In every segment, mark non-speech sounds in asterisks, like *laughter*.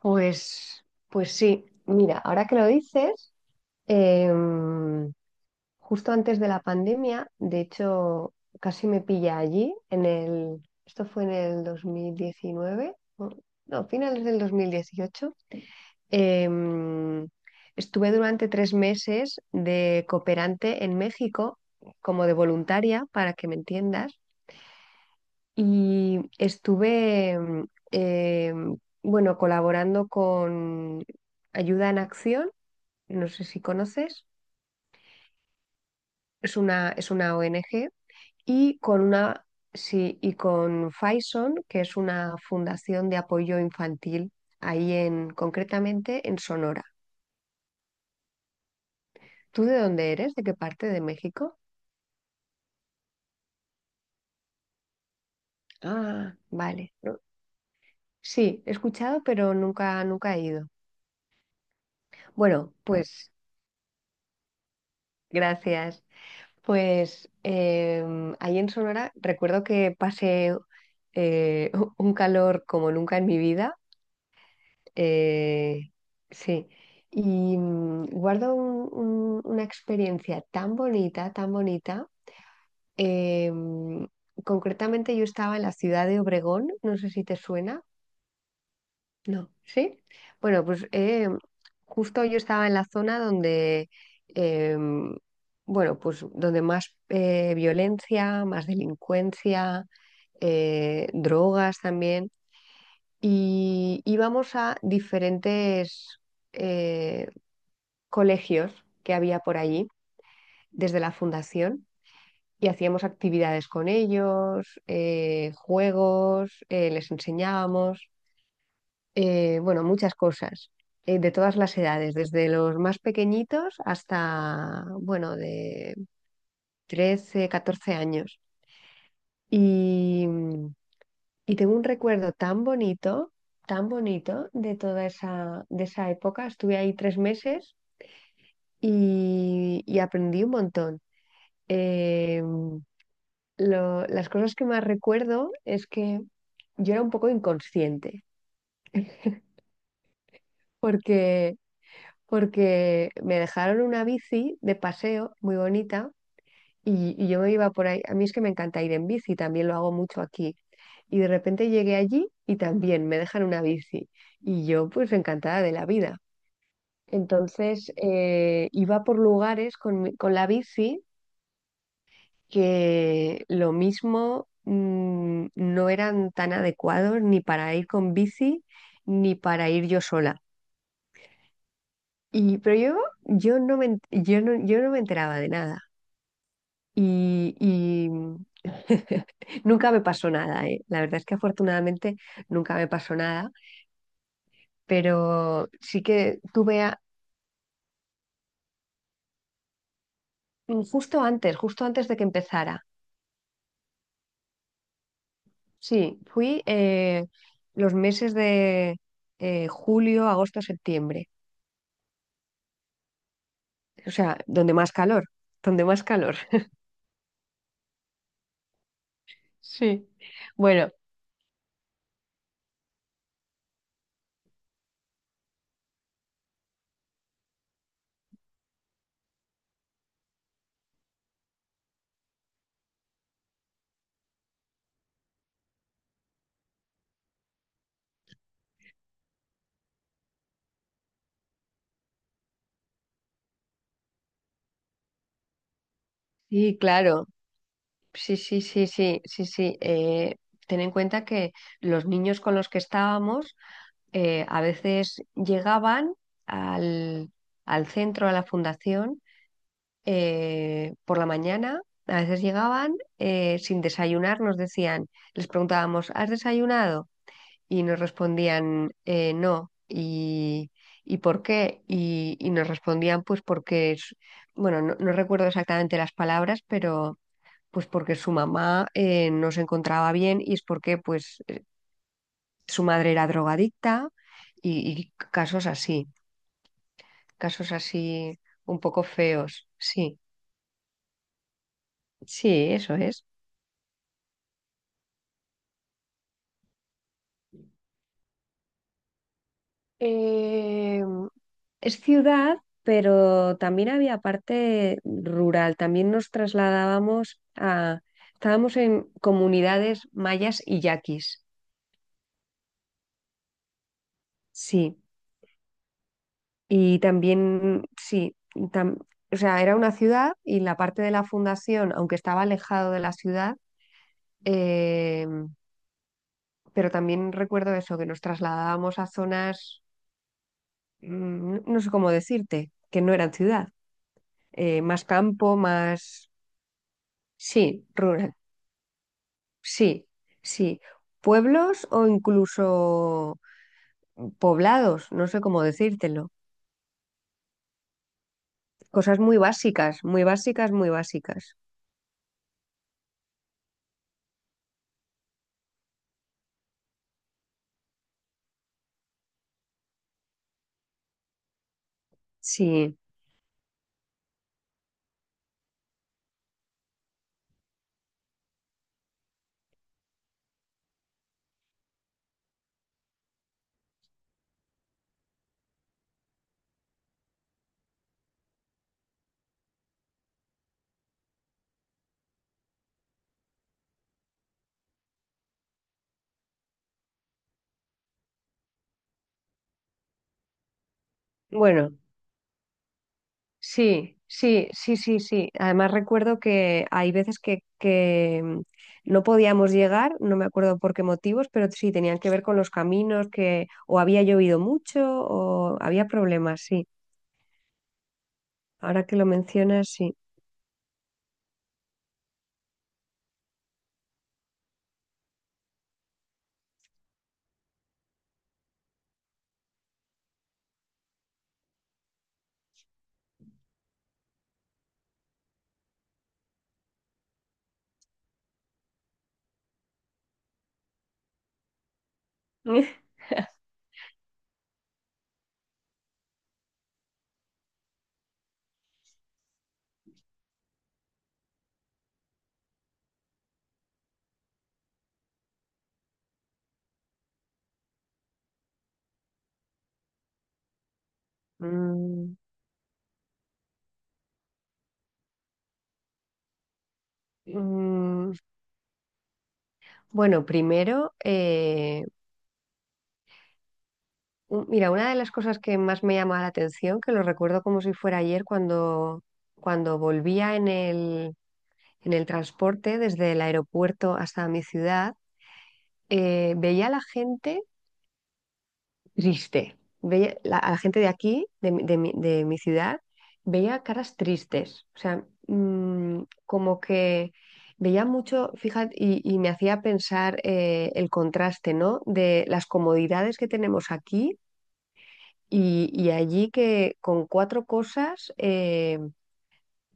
Pues sí, mira, ahora que lo dices, em, justo antes de la pandemia, de hecho, casi me pilla allí, esto fue en el 2019, no, finales del 2018. em, Estuve durante 3 meses de cooperante en México como de voluntaria, para que me entiendas, y estuve, eh, bueno, colaborando con Ayuda en Acción, no sé si conoces, es una ONG, y sí, y con Faison, que es una fundación de apoyo infantil, concretamente en Sonora. ¿Tú de dónde eres? ¿De qué parte de México? Ah, vale. No, sí, he escuchado, pero nunca he ido. Bueno, pues gracias. Pues ahí en Sonora recuerdo que pasé eh, *laughs* un calor como nunca en mi vida. eh, sí, y guardo una experiencia tan bonita, tan bonita. em, Concretamente yo estaba en la ciudad de Obregón, no sé si te suena. No, ¿sí? Bueno, pues justo yo estaba en la zona donde, em, bueno, pues donde más violencia, más delincuencia, drogas también, y íbamos a diferentes eh, colegios que había por allí desde la fundación, y hacíamos actividades con ellos, juegos, les enseñábamos bueno, muchas cosas, de todas las edades, desde los más pequeñitos hasta, bueno, de 13-14 años. Y, y tengo un recuerdo tan bonito de toda esa, de esa época. Estuve ahí 3 meses y aprendí un montón. Eh, las cosas que más recuerdo es que yo era un poco inconsciente, porque porque me dejaron una bici de paseo muy bonita y yo me iba por ahí. A mí es que me encanta ir en bici, también lo hago mucho aquí. Y de repente llegué allí y también me dejan una bici. Y yo pues encantada de la vida. Entonces iba por lugares con la bici, que lo mismo no eran tan adecuados ni para ir con bici ni para ir yo sola. Y, pero yo, yo no me enteraba de nada. Y *laughs* nunca me pasó nada, ¿eh? La verdad es que afortunadamente nunca me pasó nada. Pero sí que tuve, a- mm, Justo antes de que empezara. Sí, fui los meses de julio, agosto, septiembre, o sea, donde más calor, donde más calor. *laughs* Sí, bueno, sí, claro, sí, sí, sí, sí, sí, sí. Ten en cuenta que los niños con los que estábamos a veces llegaban al, al centro, a la fundación, por la mañana. A veces llegaban sin desayunar, nos decían, les preguntábamos, ¿has desayunado? Y nos respondían: No." Y, ¿por qué? Y, nos respondían, pues porque, bueno, no, no recuerdo exactamente las palabras, pero pues porque su mamá no se encontraba bien, y es porque pues su madre era drogadicta y casos así. Casos así, un poco feos. Sí, sí, eso es. Eh, Es ciudad, pero también había parte rural. También nos trasladábamos a... Estábamos en comunidades mayas y yaquis. Sí. Y también, sí, tam- o sea, era una ciudad, y la parte de la fundación, aunque estaba alejado de la ciudad, eh, pero también recuerdo eso, que nos trasladábamos a zonas, no sé cómo decirte, que no eran ciudad, más campo, más, sí, rural, sí, sí, pueblos o incluso poblados, no sé cómo decírtelo, cosas muy básicas, muy básicas, muy básicas, sí, bueno. Sí, sí, sí, sí, sí. Además recuerdo que hay veces que no podíamos llegar, no me acuerdo por qué motivos, pero sí tenían que ver con los caminos, que o había llovido mucho o había problemas, sí. Ahora que lo mencionas, sí. *laughs* Mm, mm, bueno, primero, mira, una de las cosas que más me llama la atención, que lo recuerdo como si fuera ayer, cuando volvía en el transporte desde el aeropuerto hasta mi ciudad, veía a la gente triste, veía a la gente de aquí, de mi ciudad, veía caras tristes, o sea, como que veía mucho, fíjate, y me hacía pensar el contraste, ¿no? De las comodidades que tenemos aquí. Y allí, que con cuatro cosas,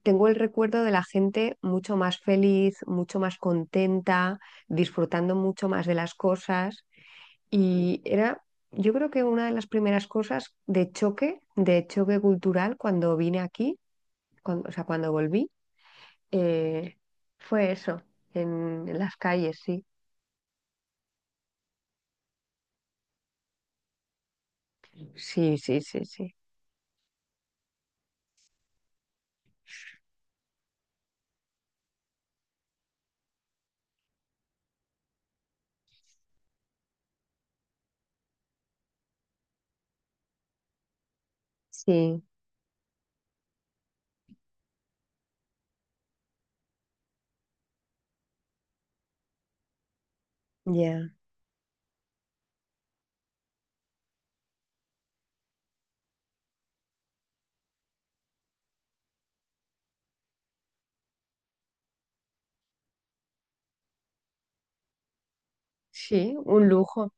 tengo el recuerdo de la gente mucho más feliz, mucho más contenta, disfrutando mucho más de las cosas. Y era, yo creo, que una de las primeras cosas de choque cultural cuando vine aquí, o sea, cuando volví, eh, fue eso, en las calles, sí. Sí, sí, sí, sí. Sí, ya. Sí, un lujo.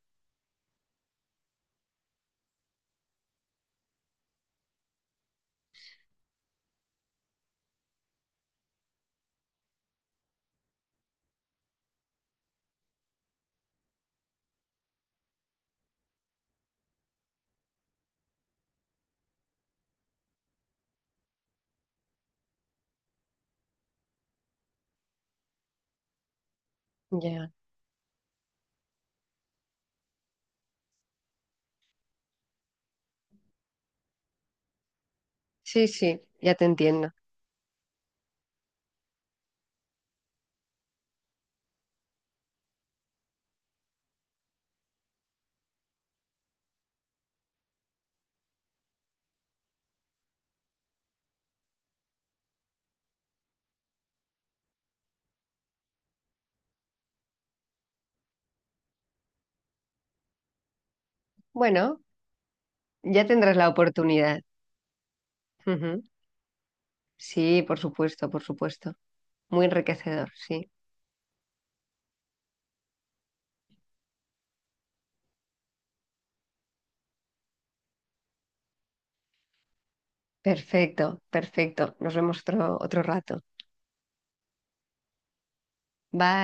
Ya. Sí, sí, ya te entiendo. Bueno, ya tendrás la oportunidad. Ujú. Sí, por supuesto, por supuesto. Muy enriquecedor, sí. Perfecto, perfecto. Nos vemos otro rato. Bye.